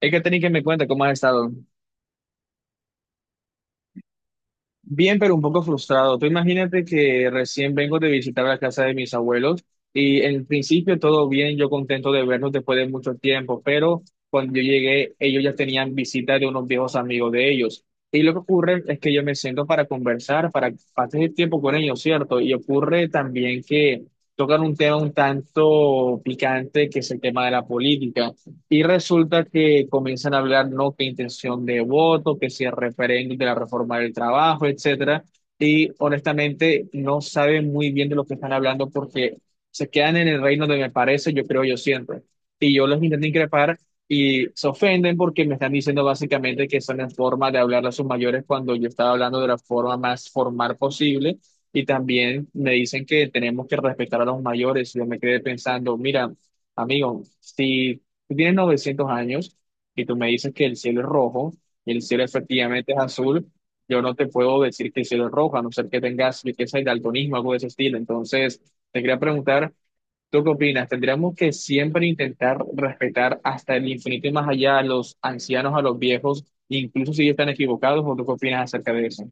Es que tenéis que me cuenta cómo has estado. Bien, pero un poco frustrado. Tú imagínate que recién vengo de visitar la casa de mis abuelos y en principio todo bien, yo contento de verlos después de mucho tiempo, pero cuando yo llegué, ellos ya tenían visita de unos viejos amigos de ellos. Y lo que ocurre es que yo me siento para conversar, para pasar el tiempo con ellos, ¿cierto? Y ocurre también que tocan un tema un tanto picante que es el tema de la política. Y resulta que comienzan a hablar, no, que intención de voto, que si el referéndum de la reforma del trabajo, etcétera. Y honestamente no saben muy bien de lo que están hablando porque se quedan en el reino de me parece, yo creo, yo siempre. Y yo los intento increpar y se ofenden porque me están diciendo básicamente que son en forma de hablar a sus mayores cuando yo estaba hablando de la forma más formal posible. Y también me dicen que tenemos que respetar a los mayores. Yo me quedé pensando, mira. Amigo, si tú tienes 900 años y tú me dices que el cielo es rojo y el cielo efectivamente es azul. Yo no te puedo decir que el cielo es rojo, a no ser que tengas riqueza y daltonismo, algo de ese estilo. Entonces, te quería preguntar, ¿tú qué opinas? ¿Tendríamos que siempre intentar respetar hasta el infinito y más allá a los ancianos, a los viejos, incluso si están equivocados? ¿O tú qué opinas acerca de eso?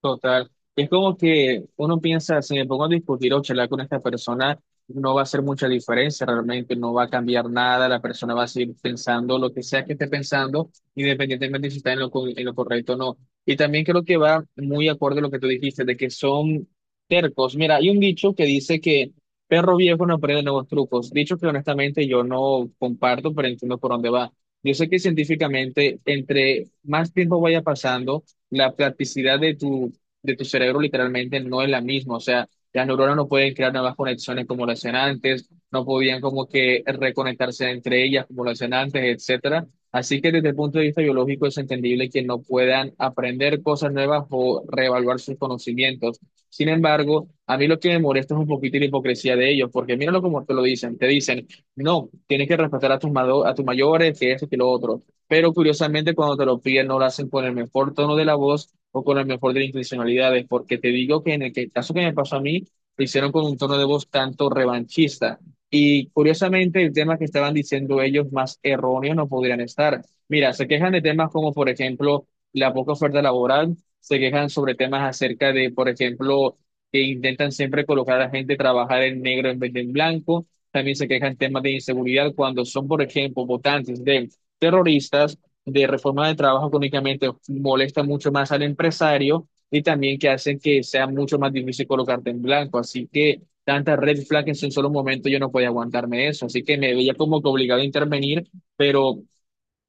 Total. Es como que uno piensa, si me pongo a discutir o charlar con esta persona, no va a hacer mucha diferencia realmente, no va a cambiar nada, la persona va a seguir pensando lo que sea que esté pensando, independientemente si está en lo, en lo correcto o no. Y también creo que va muy acorde a lo que tú dijiste, de que son tercos. Mira, hay un dicho que dice que perro viejo no aprende nuevos trucos. Dicho que honestamente yo no comparto, pero entiendo por dónde va. Yo sé que científicamente, entre más tiempo vaya pasando, la plasticidad de tu cerebro literalmente no es la misma. O sea, las neuronas no pueden crear nuevas conexiones como lo hacían antes, no podían como que reconectarse entre ellas como lo hacían antes, etcétera. Así que desde el punto de vista biológico es entendible que no puedan aprender cosas nuevas o reevaluar sus conocimientos. Sin embargo, a mí lo que me molesta es un poquito la hipocresía de ellos, porque míralo como te lo dicen, te dicen, no, tienes que respetar a tus, a tus mayores, que esto, que lo otro, pero curiosamente cuando te lo piden no lo hacen con el mejor tono de la voz o con el mejor de las intencionalidades, porque te digo que en el caso que me pasó a mí, lo hicieron con un tono de voz tanto revanchista. Y curiosamente el tema que estaban diciendo ellos más erróneo no podrían estar. Mira, se quejan de temas como, por ejemplo, la poca oferta laboral, se quejan sobre temas acerca de, por ejemplo, que intentan siempre colocar a la gente a trabajar en negro en vez de en blanco. También se quejan temas de inseguridad cuando son, por ejemplo, votantes de terroristas, de reforma de trabajo que únicamente molesta mucho más al empresario y también que hacen que sea mucho más difícil colocarte en blanco. Así que tantas red flags en un solo momento yo no podía aguantarme eso. Así que me veía como que obligado a intervenir, pero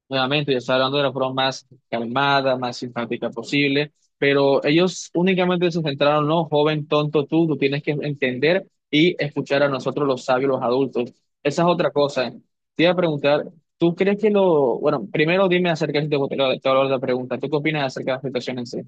nuevamente, yo estaba hablando de la forma más calmada, más simpática posible, pero ellos únicamente se centraron, no, joven, tonto tú, tú tienes que entender y escuchar a nosotros los sabios, los adultos. Esa es otra cosa. Te iba a preguntar, ¿tú crees que lo, bueno, primero dime acerca de si te voy a hablar de la pregunta, ¿tú qué opinas acerca de la situación en sí?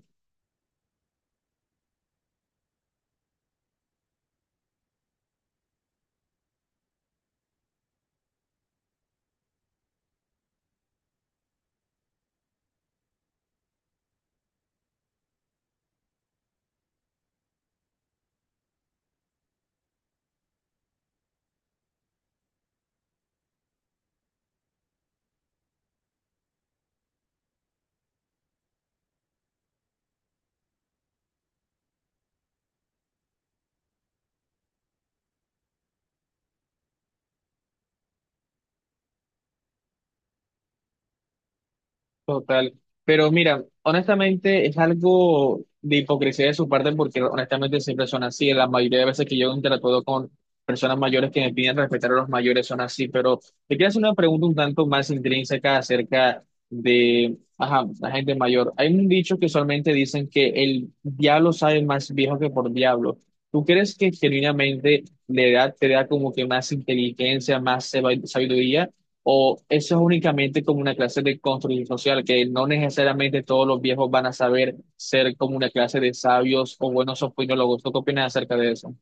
Total. Pero mira, honestamente es algo de hipocresía de su parte porque honestamente siempre son así. La mayoría de veces que yo interactúo con personas mayores que me piden respetar a los mayores son así. Pero te quiero hacer una pregunta un tanto más intrínseca acerca de ajá, la gente mayor. Hay un dicho que usualmente dicen que el diablo sabe más viejo que por diablo. ¿Tú crees que genuinamente la edad te da como que más inteligencia, más sabiduría? ¿O eso es únicamente como una clase de construcción social, que no necesariamente todos los viejos van a saber ser como una clase de sabios o buenos opinólogos? ¿Tú qué opinas acerca de eso?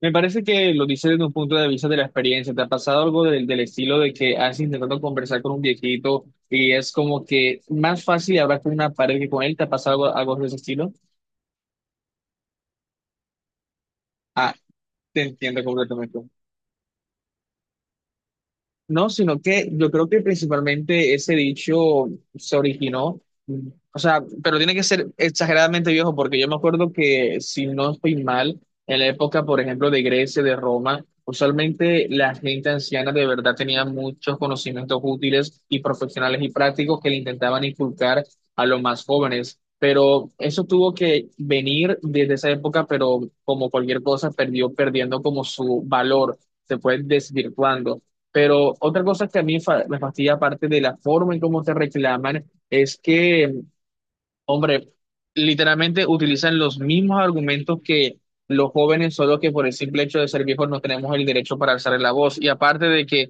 Me parece que lo dices desde un punto de vista de la experiencia. ¿Te ha pasado algo del estilo de que has intentado conversar con un viejito y es como que más fácil hablar con una pared que con él? ¿Te ha pasado algo de ese estilo? Ah, te entiendo completamente. No, sino que yo creo que principalmente ese dicho se originó, o sea, pero tiene que ser exageradamente viejo, porque yo me acuerdo que, si no estoy mal, en la época, por ejemplo, de Grecia, de Roma, usualmente la gente anciana de verdad tenía muchos conocimientos útiles y profesionales y prácticos que le intentaban inculcar a los más jóvenes. Pero eso tuvo que venir desde esa época, pero como cualquier cosa, perdió perdiendo como su valor, se fue desvirtuando. Pero otra cosa que a mí me fastidia, aparte de la forma en cómo te reclaman, es que, hombre, literalmente utilizan los mismos argumentos que los jóvenes, solo que por el simple hecho de ser viejos no tenemos el derecho para alzar la voz. Y aparte de que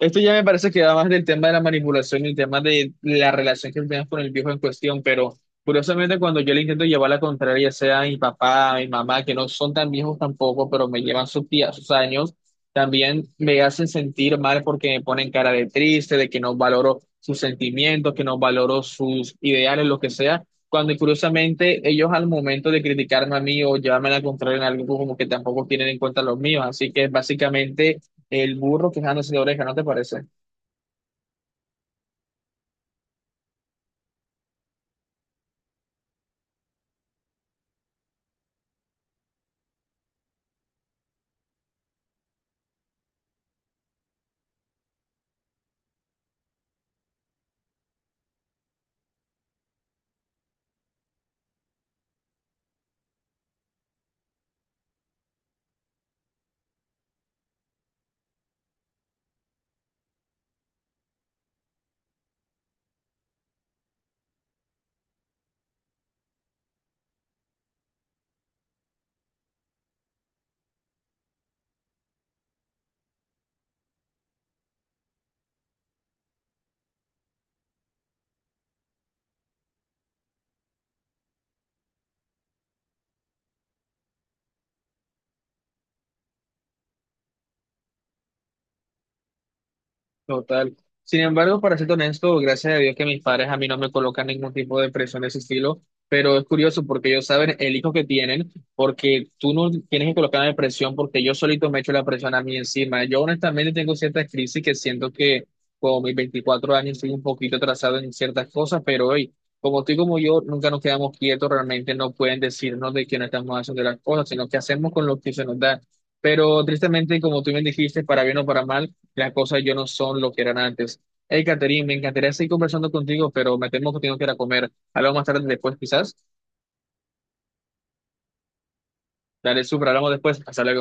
esto ya me parece que va más del tema de la manipulación y el tema de la relación que tenemos con el viejo en cuestión, pero curiosamente cuando yo le intento llevar la contraria, sea a mi papá, a mi mamá, que no son tan viejos tampoco, pero me llevan sus días, sus años, también me hacen sentir mal porque me ponen cara de triste, de que no valoro sus sentimientos, que no valoro sus ideales, lo que sea. Cuando curiosamente ellos al momento de criticarme a mí o llevarme la contraria en algo como que tampoco tienen en cuenta los míos, así que básicamente el burro quejándose de oreja, ¿no te parece? Total. Sin embargo, para ser honesto, gracias a Dios que mis padres a mí no me colocan ningún tipo de presión de ese estilo, pero es curioso porque ellos saben el hijo que tienen, porque tú no tienes que colocarme presión porque yo solito me echo la presión a mí encima. Yo honestamente tengo ciertas crisis que siento que con mis 24 años estoy un poquito atrasado en ciertas cosas, pero hoy, como tú y como yo, nunca nos quedamos quietos, realmente no pueden decirnos de que no estamos haciendo las cosas, sino que hacemos con lo que se nos da. Pero tristemente, como tú bien dijiste, para bien o para mal, las cosas yo no son lo que eran antes. Hey, Catherine, me encantaría seguir conversando contigo, pero me temo que tengo que ir a comer. Hablamos más tarde después, quizás. Dale, súper, hablamos después. Hasta luego.